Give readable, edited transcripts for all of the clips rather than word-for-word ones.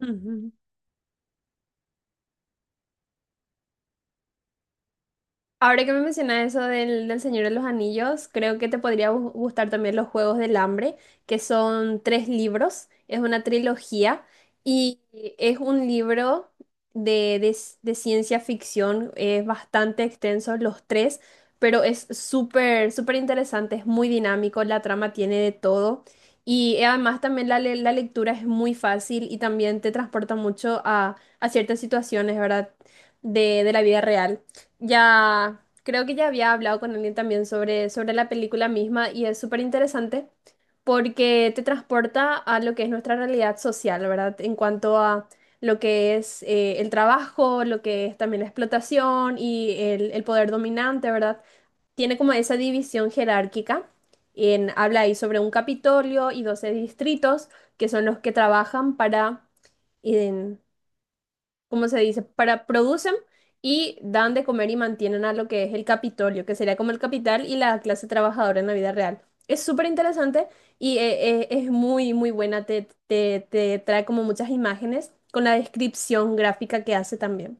Ujú. Ahora que me mencionas eso del Señor de los Anillos, creo que te podría gustar también Los Juegos del Hambre, que son tres libros, es una trilogía y es un libro de ciencia ficción, es bastante extenso los tres, pero es súper, súper interesante, es muy dinámico, la trama tiene de todo y además también la lectura es muy fácil y también te transporta mucho a ciertas situaciones, ¿verdad? De la vida real. Ya, creo que ya había hablado con alguien también sobre la película misma y es súper interesante porque te transporta a lo que es nuestra realidad social, ¿verdad? En cuanto a lo que es el trabajo, lo que es también la explotación y el poder dominante, ¿verdad? Tiene como esa división jerárquica. Habla ahí sobre un Capitolio y 12 distritos que son los que trabajan para, en- como se dice, para producen y dan de comer y mantienen a lo que es el Capitolio, que sería como el capital y la clase trabajadora en la vida real. Es súper interesante y es muy, muy buena, te trae como muchas imágenes con la descripción gráfica que hace también.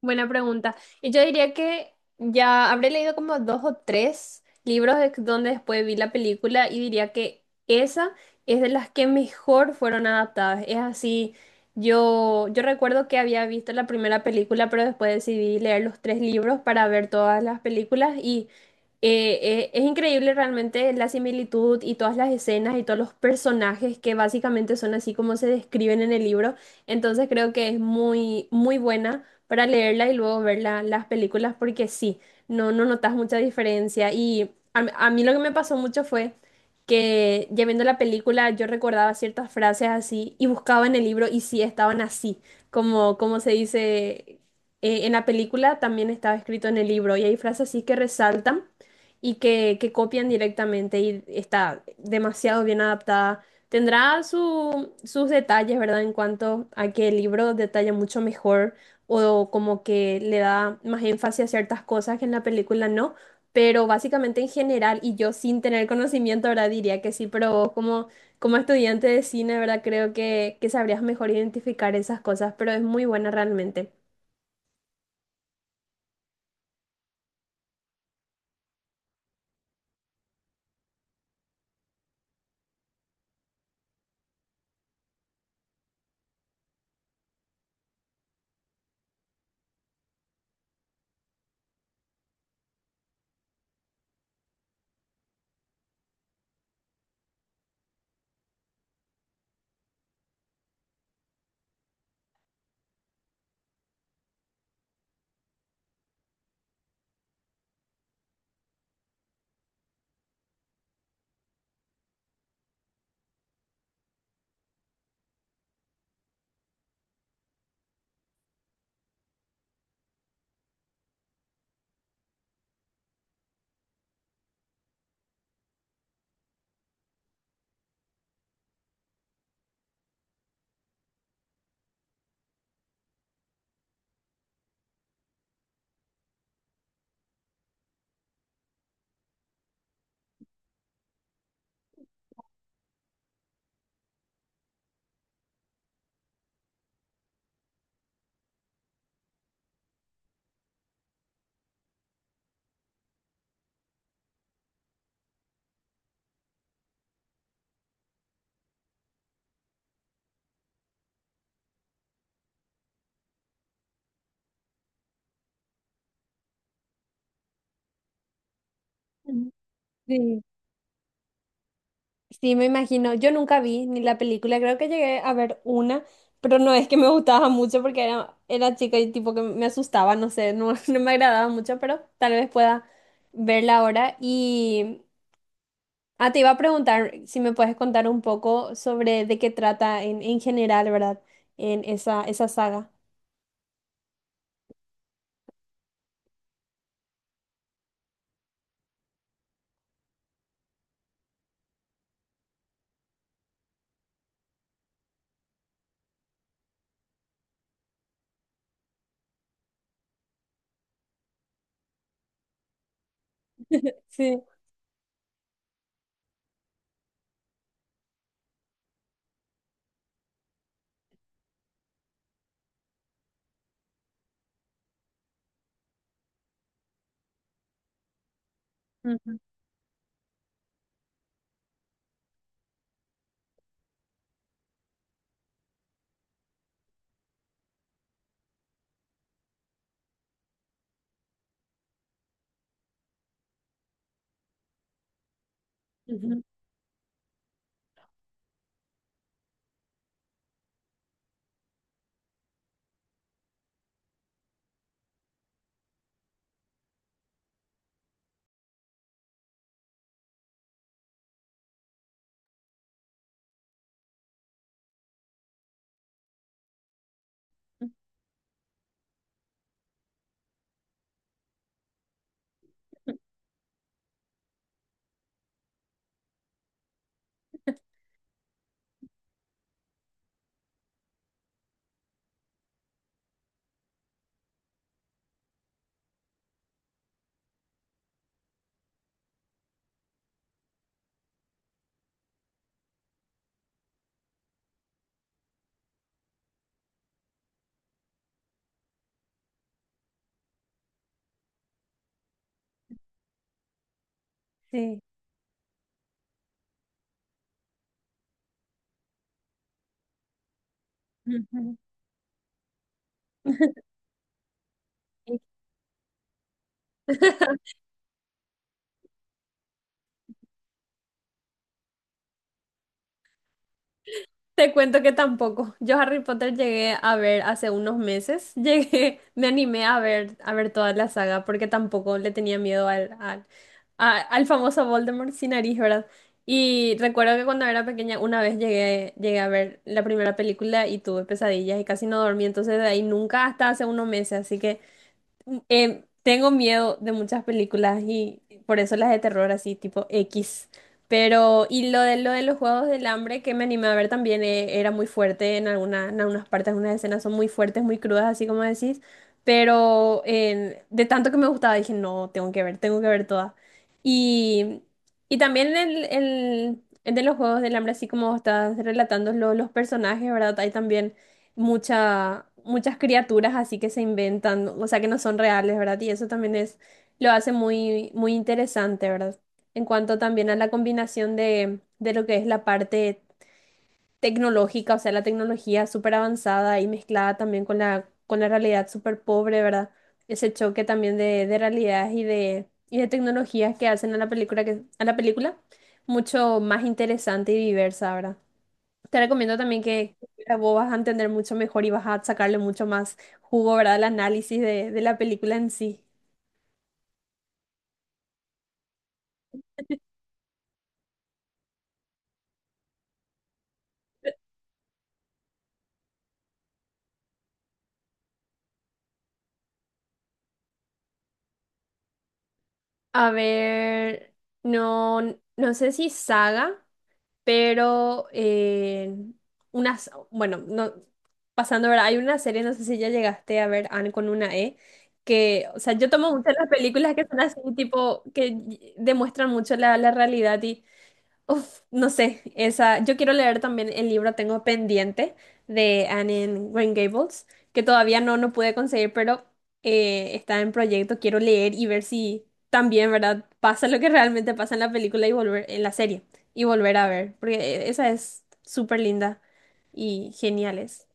Buena pregunta. Y yo diría que ya habré leído como dos o tres libros donde después vi la película y diría que esa es de las que mejor fueron adaptadas. Es así, yo recuerdo que había visto la primera película, pero después decidí leer los tres libros para ver todas las películas y eh, es increíble realmente la similitud y todas las escenas y todos los personajes que básicamente son así como se describen en el libro. Entonces creo que es muy, muy buena para leerla y luego ver las películas porque sí, no, no notas mucha diferencia. Y a mí lo que me pasó mucho fue que ya viendo la película yo recordaba ciertas frases así y buscaba en el libro y sí estaban así, como se dice en la película, también estaba escrito en el libro y hay frases así que resaltan y que copian directamente y está demasiado bien adaptada. Tendrá sus detalles, ¿verdad? En cuanto a que el libro detalla mucho mejor o como que le da más énfasis a ciertas cosas que en la película no, pero básicamente en general, y yo sin tener conocimiento ahora diría que sí, pero vos como, como estudiante de cine, ¿verdad? Creo que sabrías mejor identificar esas cosas, pero es muy buena realmente. Ujú. Sí, sí, me imagino. Yo nunca vi ni la película, creo que llegué a ver una, pero no es que me gustaba mucho porque era, era chica y tipo que me asustaba, no sé, no, no me agradaba mucho, pero tal vez pueda verla ahora. Y ah, te iba a preguntar si me puedes contar un poco sobre de qué trata en general, ¿verdad? En esa, esa saga. Sí. Ujú, ujú, ujú. Sí. Ujú. Te cuento que tampoco. Yo Harry Potter llegué a ver hace unos meses. Llegué, me animé a ver toda la saga porque tampoco le tenía miedo al famoso Voldemort sin nariz, ¿verdad? Y recuerdo que cuando era pequeña una vez llegué a ver la primera película y tuve pesadillas y casi no dormí. Entonces de ahí nunca hasta hace unos meses. Así que tengo miedo de muchas películas y por eso las de terror así tipo X. Pero, y lo de los Juegos del Hambre que me animé a ver también era muy fuerte en alguna, en algunas partes, algunas escenas son muy fuertes, muy crudas, así como decís. Pero de tanto que me gustaba dije, no, tengo que ver todas. Y, y también el de los Juegos del Hambre, así como estás relatando los personajes, ¿verdad? Hay también muchas criaturas así que se inventan, o sea, que no son reales, ¿verdad? Y eso también es, lo hace muy, muy interesante, ¿verdad? En cuanto también a la combinación de lo que es la parte tecnológica, o sea, la tecnología súper avanzada y mezclada también con con la realidad súper pobre, ¿verdad? Ese choque también de realidades y de tecnologías que hacen a la película, que, a la película mucho más interesante y diversa, ¿verdad? Te recomiendo también que vos vas a entender mucho mejor y vas a sacarle mucho más jugo, ¿verdad? Al análisis de la película en sí. A ver, no, no sé si saga, pero unas, bueno, no, pasando, ¿verdad? Hay una serie, no sé si ya llegaste a ver, Anne con una E, que, o sea, yo tomo muchas las películas que son así, tipo, que demuestran mucho la realidad y uf, no sé, esa, yo quiero leer también el libro. Tengo pendiente de Anne en Green Gables, que todavía no, no pude conseguir, pero está en proyecto, quiero leer y ver si también, ¿verdad? Pasa lo que realmente pasa en la película y volver, en la serie, y volver a ver, porque esa es súper linda y genial es.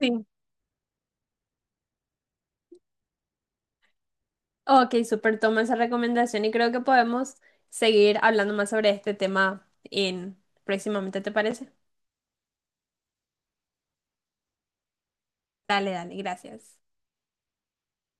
Sí. Ok, súper, toma esa recomendación y creo que podemos seguir hablando más sobre este tema en próximamente, ¿te parece? Dale, dale, gracias.